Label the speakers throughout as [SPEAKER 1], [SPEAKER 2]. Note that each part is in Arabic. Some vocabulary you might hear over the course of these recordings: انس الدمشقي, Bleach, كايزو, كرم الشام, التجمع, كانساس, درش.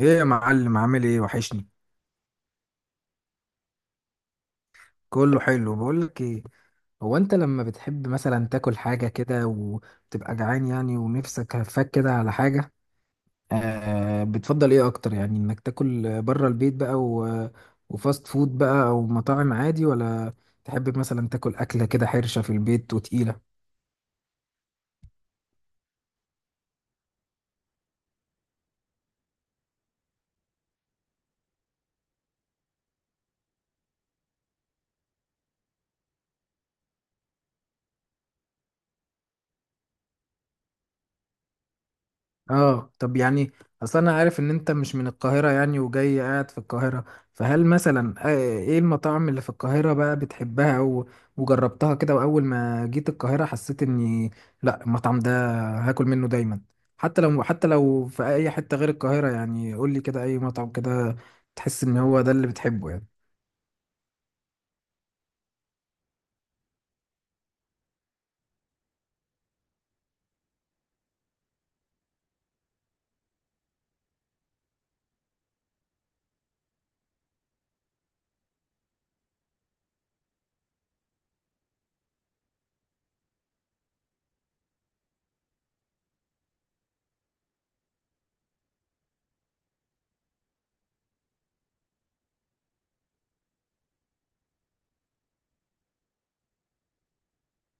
[SPEAKER 1] ايه يا معلم، عامل ايه؟ وحشني. كله حلو. بقول لك ايه؟ هو انت لما بتحب مثلا تاكل حاجه كده وتبقى جعان يعني، ونفسك هفاك كده على حاجه، بتفضل ايه اكتر؟ يعني انك تاكل بره البيت بقى و... وفاست فود بقى، او مطاعم عادي؟ ولا تحب مثلا تاكل اكله كده حرشه في البيت وتقيله؟ اه، طب، يعني اصل انا عارف ان انت مش من القاهرة يعني، وجاي قاعد في القاهرة. فهل مثلا ايه المطاعم اللي في القاهرة بقى بتحبها، او وجربتها كده، واول ما جيت القاهرة حسيت اني لا، المطعم ده هاكل منه دايما. حتى لو في اي حتة غير القاهرة، يعني قول لي كده اي مطعم كده تحس ان هو ده اللي بتحبه يعني.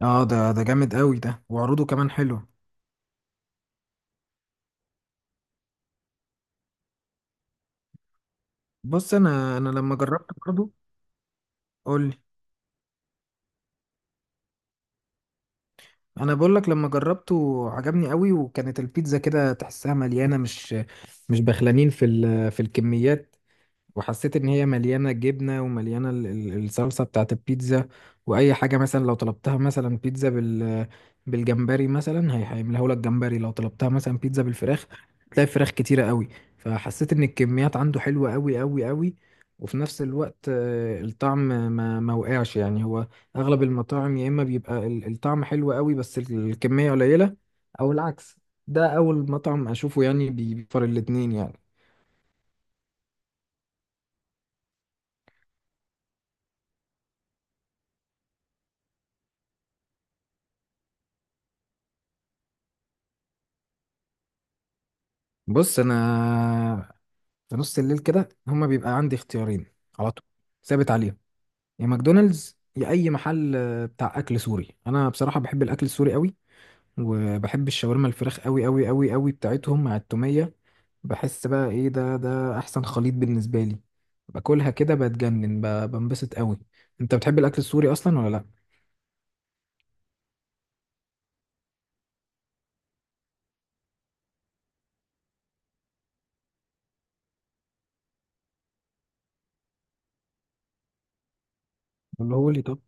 [SPEAKER 1] اه، ده جامد قوي، ده وعروضه كمان حلوه. بص، انا لما جربت برضه. قول. انا بقول لك، لما جربته عجبني قوي، وكانت البيتزا كده تحسها مليانه، مش بخلانين في الكميات وحسيت ان هي مليانه جبنه ومليانه الصلصه بتاعت البيتزا. واي حاجه مثلا لو طلبتها مثلا بيتزا بالجمبري مثلا، هيعملها لك جمبري، لو طلبتها مثلا بيتزا بالفراخ تلاقي فراخ كتيره قوي. فحسيت ان الكميات عنده حلوه قوي قوي قوي، وفي نفس الوقت الطعم ما وقعش يعني. هو اغلب المطاعم يا اما بيبقى الطعم حلو قوي بس الكميه قليله، او العكس. ده اول مطعم اشوفه يعني بيفر الاتنين يعني. بص، انا في نص الليل كده هما بيبقى عندي اختيارين على طول، ثابت عليهم. يا ماكدونالدز، يا اي محل بتاع اكل سوري. انا بصراحه بحب الاكل السوري قوي، وبحب الشاورما الفراخ قوي قوي قوي قوي بتاعتهم مع التوميه. بحس بقى ايه، ده احسن خليط بالنسبه لي. باكلها كده بتجنن، بنبسط قوي. انت بتحب الاكل السوري اصلا ولا لا؟ قولهولي طب.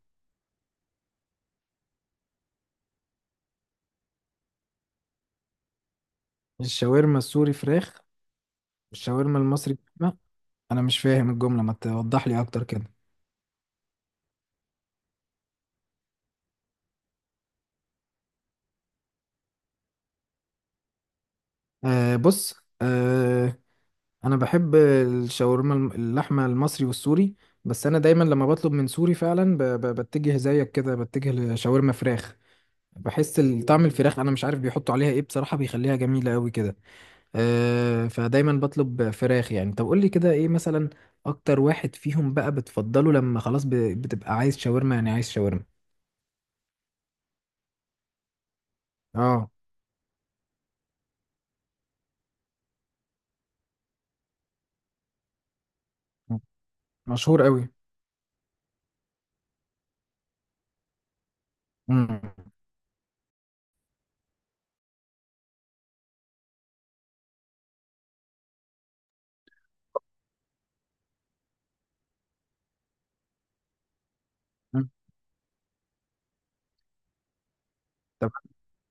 [SPEAKER 1] الشاورما السوري فراخ، الشاورما المصري لحمة؟ انا مش فاهم الجمله، ما توضح لي اكتر كده. آه، بص. آه، انا بحب الشاورما اللحمه المصري والسوري. بس انا دايما لما بطلب من سوري فعلا بتجه زيك كده، بتجه لشاورما فراخ. بحس طعم الفراخ، انا مش عارف بيحطوا عليها ايه بصراحه، بيخليها جميله قوي كده. فدايما بطلب فراخ يعني. طب قول لي كده، ايه مثلا اكتر واحد فيهم بقى بتفضله لما خلاص بتبقى عايز شاورما؟ يعني عايز شاورما. اه، مشهور قوي. امم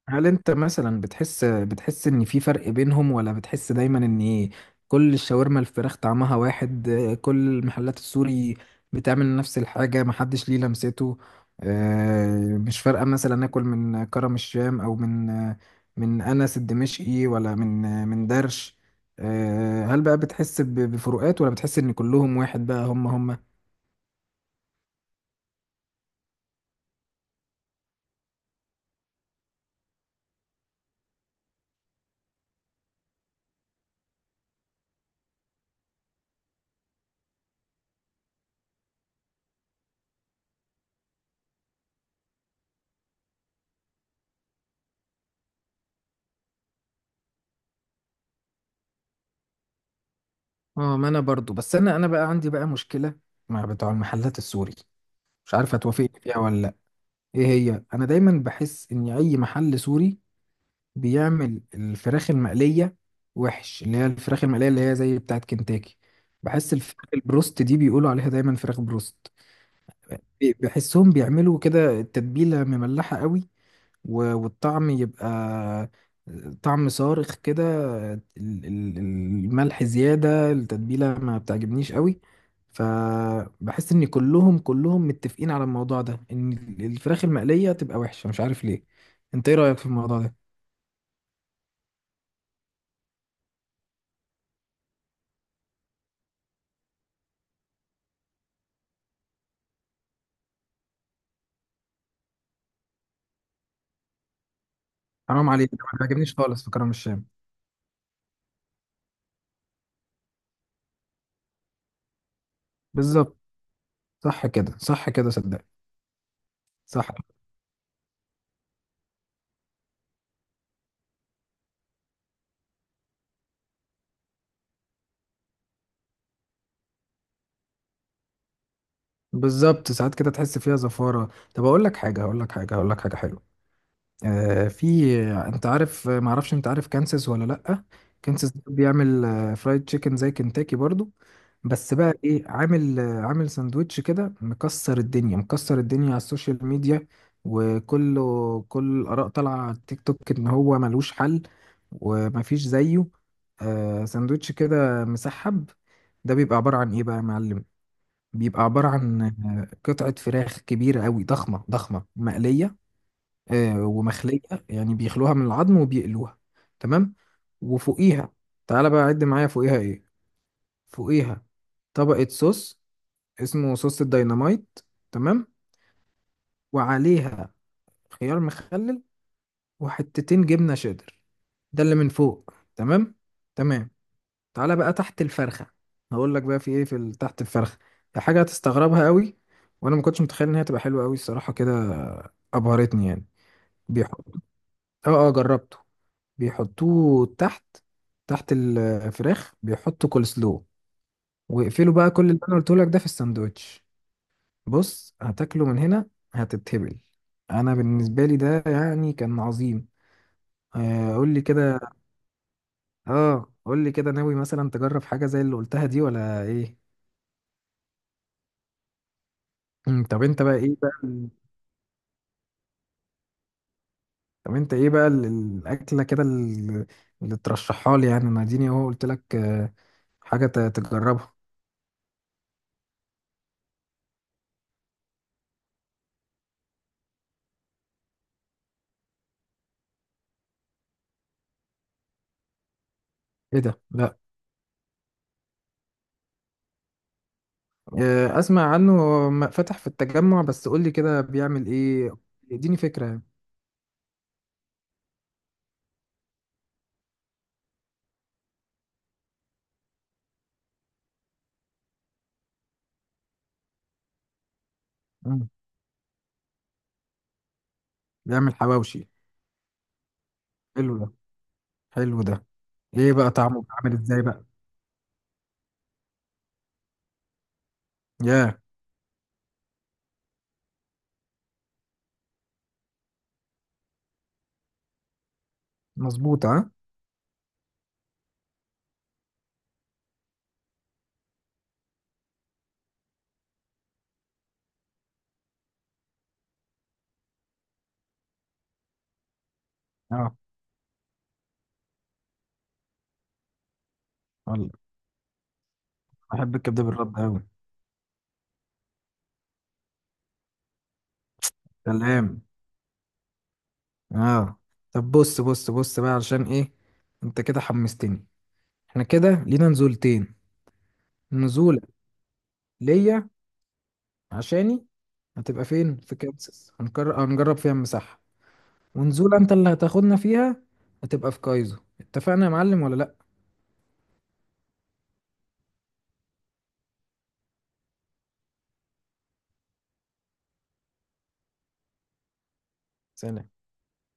[SPEAKER 1] هل انت مثلا بتحس ان في فرق بينهم، ولا بتحس دايما ان كل الشاورما الفراخ طعمها واحد؟ كل المحلات السوري بتعمل نفس الحاجة، محدش ليه لمسته؟ مش فارقة مثلا اكل من كرم الشام او من من انس الدمشقي ولا من من درش؟ هل بقى بتحس بفروقات، ولا بتحس ان كلهم واحد بقى هم هم؟ اه، ما انا برضو. بس انا بقى عندي بقى مشكلة مع بتوع المحلات السوري. مش عارف هتوافقني فيها ولا. ايه هي؟ انا دايما بحس ان اي محل سوري بيعمل الفراخ المقليه وحش، اللي هي الفراخ المقليه اللي هي زي بتاعه كنتاكي. بحس الفراخ البروست دي، بيقولوا عليها دايما فراخ بروست، بحسهم بيعملوا كده التتبيله مملحه قوي، و- والطعم يبقى طعم صارخ كده. ال- الملح زيادة، التتبيلة ما بتعجبنيش قوي. فبحس ان كلهم متفقين على الموضوع ده، ان الفراخ المقلية تبقى وحشة، مش عارف ليه. انت ايه رأيك في الموضوع ده؟ حرام عليك، ما بيعجبنيش خالص في كرم الشام. بالظبط، صح كده، صح كده، صدق. صح. بالظبط، ساعات كده تحس فيها زفارة. طب اقول لك حاجة هقول لك حاجة هقول لك حاجة حلوة. آه، في انت عارف، ما اعرفش، انت عارف كانساس ولا لا؟ كانساس ده بيعمل فرايد تشيكن زي كنتاكي برضو. بس بقى ايه، عامل عامل ساندوتش كده، مكسر الدنيا مكسر الدنيا على السوشيال ميديا، كل الاراء طالعه على التيك توك ان هو ملوش حل ومفيش زيه. ساندوتش كده مسحب. ده بيبقى عباره عن ايه بقى يا معلم؟ بيبقى عباره عن قطعه فراخ كبيره قوي، ضخمه ضخمه، مقليه ومخلية. يعني بيخلوها من العظم وبيقلوها. تمام. وفوقيها... تعالى بقى عد معايا، فوقيها ايه. فوقيها طبقة صوص، اسمه صوص الديناميت. تمام. وعليها خيار مخلل، وحتتين جبنة شيدر. ده اللي من فوق، تمام. تمام. تعالى بقى تحت الفرخة. هقول لك بقى في ايه في تحت الفرخة. ده حاجة هتستغربها قوي، وانا ما كنتش متخيل ان هي تبقى حلوة قوي، الصراحة كده ابهرتني يعني. بيحط. اه، اه، جربته. بيحطوه تحت، تحت الفراخ بيحطوا كول سلو، واقفلوا بقى كل اللي انا قلته لك ده في الساندوتش. بص، هتاكله من هنا هتتهبل. انا بالنسبه لي ده يعني كان عظيم. قول لي كده. اه، قول لي كده، ناوي مثلا تجرب حاجه زي اللي قلتها دي ولا ايه؟ مم، طب انت بقى ايه بقى ال- طب انت ايه بقى الاكله كده اللي ترشحها لي يعني. انا اديني اهو، قلت لك حاجه تجربها. ايه ده؟ لا. آه، اسمع عنه. فتح في التجمع، بس قول لي كده بيعمل ايه، اديني فكرة يعني. مم. بيعمل حواوشي. حلو ده. حلو ده. ايه بقى طعمه عامل ازاي بقى؟ ياه. مظبوط، ها؟ اه، والله، بحب الكبده بالرد قوي. سلام. اه، طب بص بص بص بقى، علشان ايه انت كده حمستني. احنا كده لينا نزولتين. نزولة ليا، عشاني، هتبقى فين؟ في كانساس، هنجرب فيها المساحة. ونزولة انت اللي هتاخدنا فيها، هتبقى في كايزو. اتفقنا يا معلم ولا لا؟ سلام.